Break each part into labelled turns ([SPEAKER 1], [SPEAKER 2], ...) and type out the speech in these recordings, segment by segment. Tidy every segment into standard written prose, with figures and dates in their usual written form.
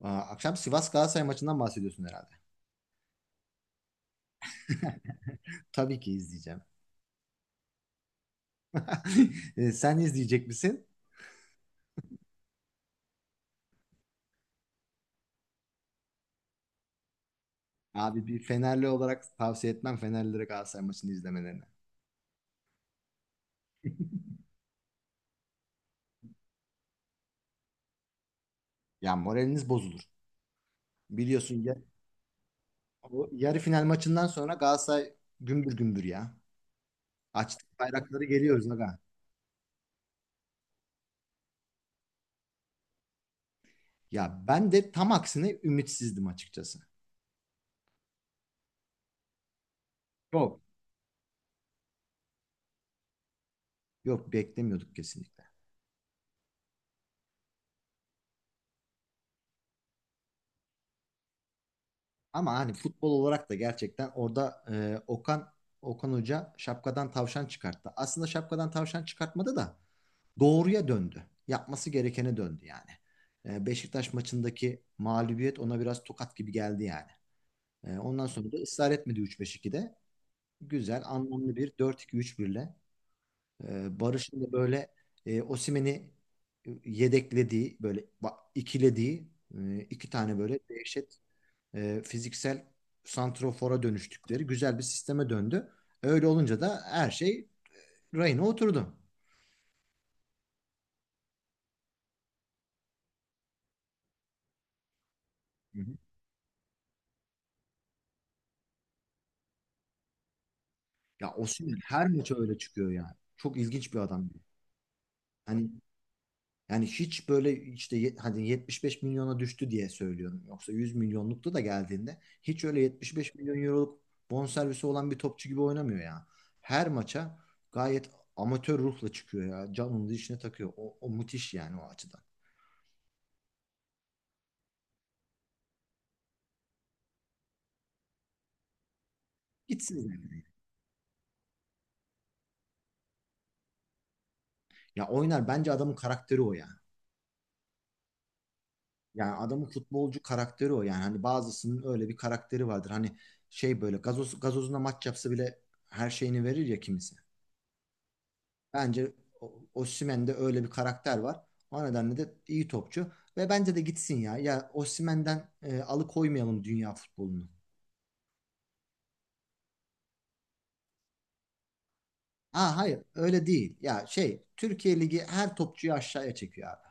[SPEAKER 1] Aa, akşam Sivas Galatasaray maçından bahsediyorsun herhalde. Tabii ki izleyeceğim. E, sen izleyecek misin? Abi bir Fenerli olarak tavsiye etmem Fenerlilere Galatasaray maçını izlemelerini. Ya moraliniz bozulur. Biliyorsun ya o yarı final maçından sonra Galatasaray gümbür gümbür ya. Açtık bayrakları geliyoruz aga. Ya ben de tam aksine ümitsizdim açıkçası. Yok. Yok, beklemiyorduk kesinlikle. Ama hani futbol olarak da gerçekten orada Okan Hoca şapkadan tavşan çıkarttı. Aslında şapkadan tavşan çıkartmadı da doğruya döndü. Yapması gerekene döndü yani. Beşiktaş maçındaki mağlubiyet ona biraz tokat gibi geldi yani. Ondan sonra da ısrar etmedi 3-5-2'de. Güzel, anlamlı bir 4-2-3-1'le. Barış'ın da böyle Osimhen'i yedeklediği, böyle ikilediği iki tane böyle dehşet fiziksel santrofora dönüştükleri güzel bir sisteme döndü. Öyle olunca da her şey rayına oturdu. Hı hı. Ya Osimhen her maça öyle çıkıyor yani. Çok ilginç bir adam. Hani yani hiç böyle işte hadi 75 milyona düştü diye söylüyorum. Yoksa 100 milyonlukta da geldiğinde hiç öyle 75 milyon euroluk bonservisi olan bir topçu gibi oynamıyor ya. Her maça gayet amatör ruhla çıkıyor ya. Canını işine takıyor. O müthiş yani o açıdan. Gitsin yani. Ya oynar, bence adamın karakteri o yani. Yani adamın futbolcu karakteri o yani. Hani bazısının öyle bir karakteri vardır. Hani şey böyle gazozuna maç yapsa bile her şeyini verir ya kimisi. Bence Osimhen'de öyle bir karakter var. O nedenle de iyi topçu. Ve bence de gitsin ya. Ya Osimhen'den alıkoymayalım dünya futbolunu. Ha, hayır öyle değil. Ya şey Türkiye Ligi her topçuyu aşağıya çekiyor abi.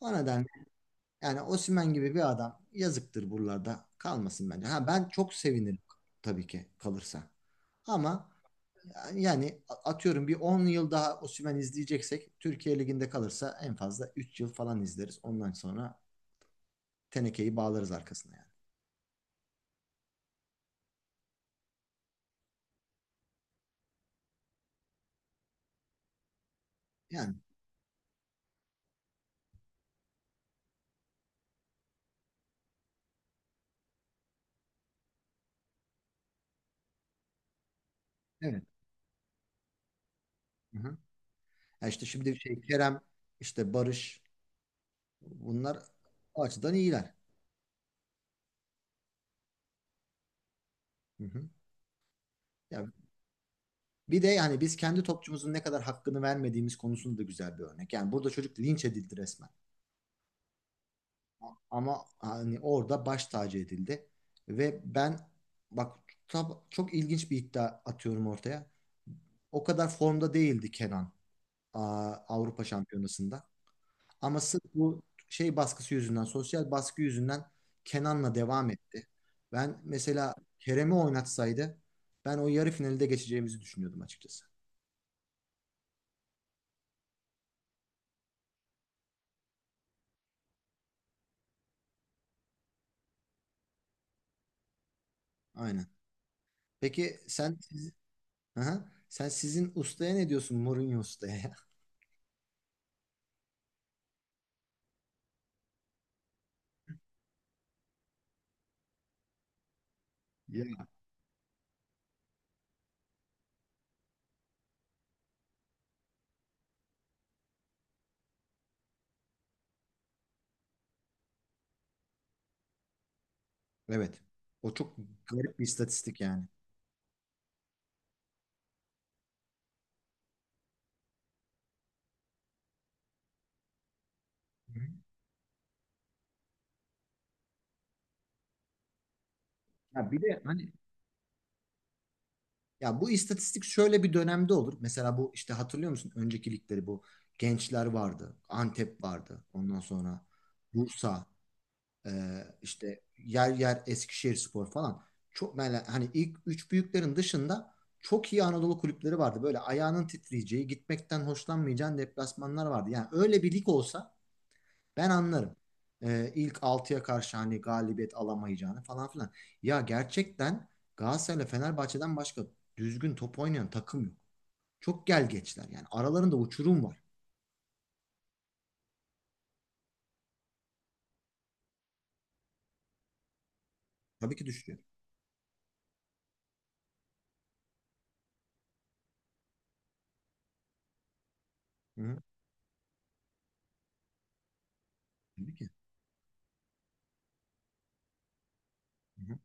[SPEAKER 1] O nedenle yani Osimhen gibi bir adam yazıktır buralarda. Kalmasın bence. Ha, ben çok sevinirim tabii ki kalırsa. Ama yani atıyorum bir 10 yıl daha Osimhen izleyeceksek Türkiye Ligi'nde kalırsa en fazla 3 yıl falan izleriz. Ondan sonra tenekeyi bağlarız arkasına yani. Yani, evet. Hı hı. Ya işte şimdi şey Kerem, işte Barış, bunlar o açıdan iyiler. Hı hı. Ya bir de yani biz kendi topçumuzun ne kadar hakkını vermediğimiz konusunda da güzel bir örnek. Yani burada çocuk linç edildi resmen. Ama hani orada baş tacı edildi. Ve ben bak, çok ilginç bir iddia atıyorum ortaya. O kadar formda değildi Kenan Avrupa Şampiyonası'nda. Ama sırf bu şey baskısı yüzünden, sosyal baskı yüzünden Kenan'la devam etti. Ben mesela Kerem'i oynatsaydı ben o yarı finalde geçeceğimizi düşünüyordum açıkçası. Aynen. Peki, siz, Aha. Sizin ustaya ne diyorsun Mourinho ustaya? Ya? Evet. O çok garip bir istatistik yani. Hı. Ya bir de hani ya bu istatistik şöyle bir dönemde olur. Mesela bu işte, hatırlıyor musun? Önceki ligleri bu Gençler vardı. Antep vardı. Ondan sonra Bursa, e, işte yer yer Eskişehirspor falan. Çok böyle hani ilk üç büyüklerin dışında çok iyi Anadolu kulüpleri vardı. Böyle ayağının titreyeceği, gitmekten hoşlanmayacağın deplasmanlar vardı. Yani öyle bir lig olsa ben anlarım. İlk altıya karşı hani galibiyet alamayacağını falan filan. Ya gerçekten Galatasaray'la Fenerbahçe'den başka düzgün top oynayan takım yok. Çok gel geçler yani. Aralarında uçurum var. Tabii ki düşünüyorum. Hı-hı. Tabii ki. Hı-hı.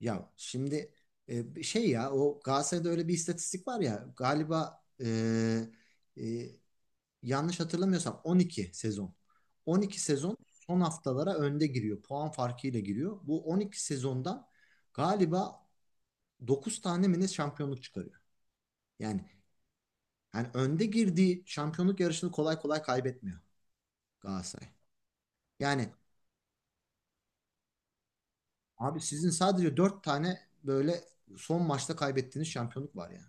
[SPEAKER 1] Ya şimdi şey ya o Galatasaray'da öyle bir istatistik var ya galiba, e, yanlış hatırlamıyorsam 12 sezon. 12 sezon son haftalara önde giriyor. Puan farkıyla giriyor. Bu 12 sezondan galiba dokuz tane mi ne şampiyonluk çıkarıyor. Yani yani önde girdiği şampiyonluk yarışını kolay kolay kaybetmiyor Galatasaray. Yani abi sizin sadece 4 tane böyle son maçta kaybettiğiniz şampiyonluk var yani.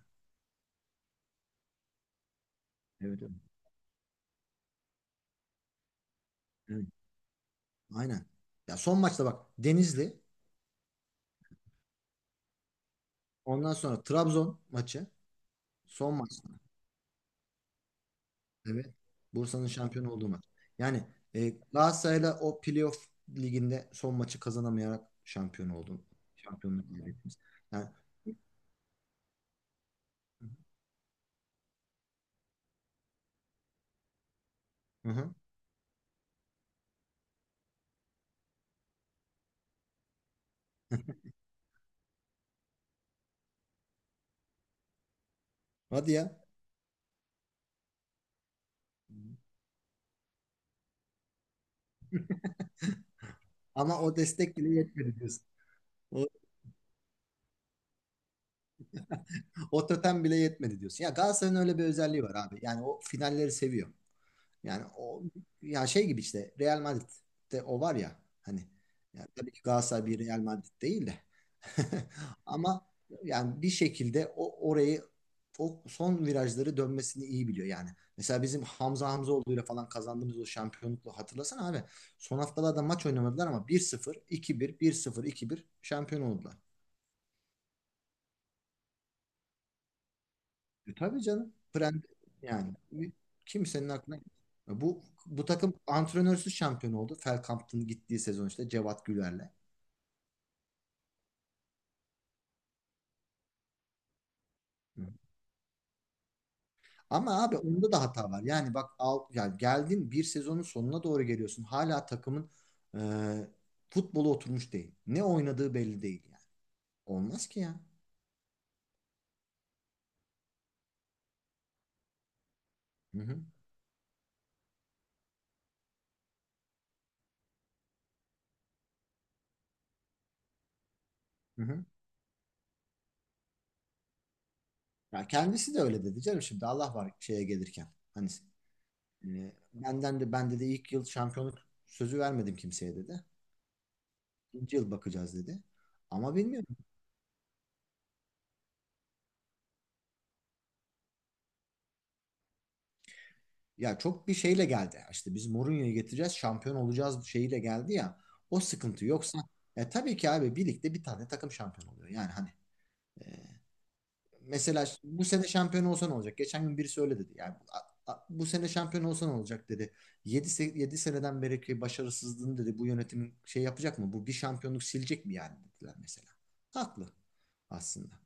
[SPEAKER 1] Evet. Evet. Evet, aynen. Ya son maçta bak Denizli, ondan sonra Trabzon maçı, son maçta. Evet. Bursa'nın şampiyon olduğu maç. Yani Galatasaray'la o playoff liginde son maçı kazanamayarak şampiyon oldun. Şampiyonluk kaybetmiş. Yani. Hı hı. Hadi ya. Ama o destek bile yetmedi diyorsun. O, o totem bile yetmedi diyorsun. Ya Galatasaray'ın öyle bir özelliği var abi. Yani o finalleri seviyor. Yani o, ya şey gibi işte Real Madrid'de o var ya, hani yani tabii ki Galatasaray bir Real Madrid değil de ama yani bir şekilde o orayı, o son virajları dönmesini iyi biliyor yani. Mesela bizim Hamza Hamzaoğlu'yla falan kazandığımız o şampiyonlukla hatırlasana abi. Son haftalarda maç oynamadılar ama bir sıfır iki bir bir sıfır iki bir şampiyon oldular. E tabii canım. Prend yani kimsenin aklına bu takım antrenörsüz şampiyon oldu. Feldkamp'ın gittiği sezon işte Cevat Güler'le. Hı. Ama abi onda da hata var. Yani bak al, yani geldin bir sezonun sonuna doğru geliyorsun. Hala takımın e, futbolu oturmuş değil. Ne oynadığı belli değil yani. Olmaz ki ya. Hı hı, hı hı. Ya kendisi de öyle dedi canım şimdi Allah var şeye gelirken. Hani benden de bende de ilk yıl şampiyonluk sözü vermedim kimseye dedi. İkinci yıl bakacağız dedi. Ama bilmiyorum. Ya çok bir şeyle geldi. İşte biz Mourinho'yu getireceğiz, şampiyon olacağız şeyiyle geldi ya. O sıkıntı yoksa ya tabii ki abi birlikte bir tane takım şampiyon oluyor. Yani hani mesela bu sene şampiyon olsa ne olacak? Geçen gün birisi öyle dedi. Yani bu sene şampiyon olsa ne olacak dedi. 7 7 seneden beri ki başarısızlığını dedi bu yönetimin şey yapacak mı? Bu bir şampiyonluk silecek mi yani dediler mesela. Haklı aslında.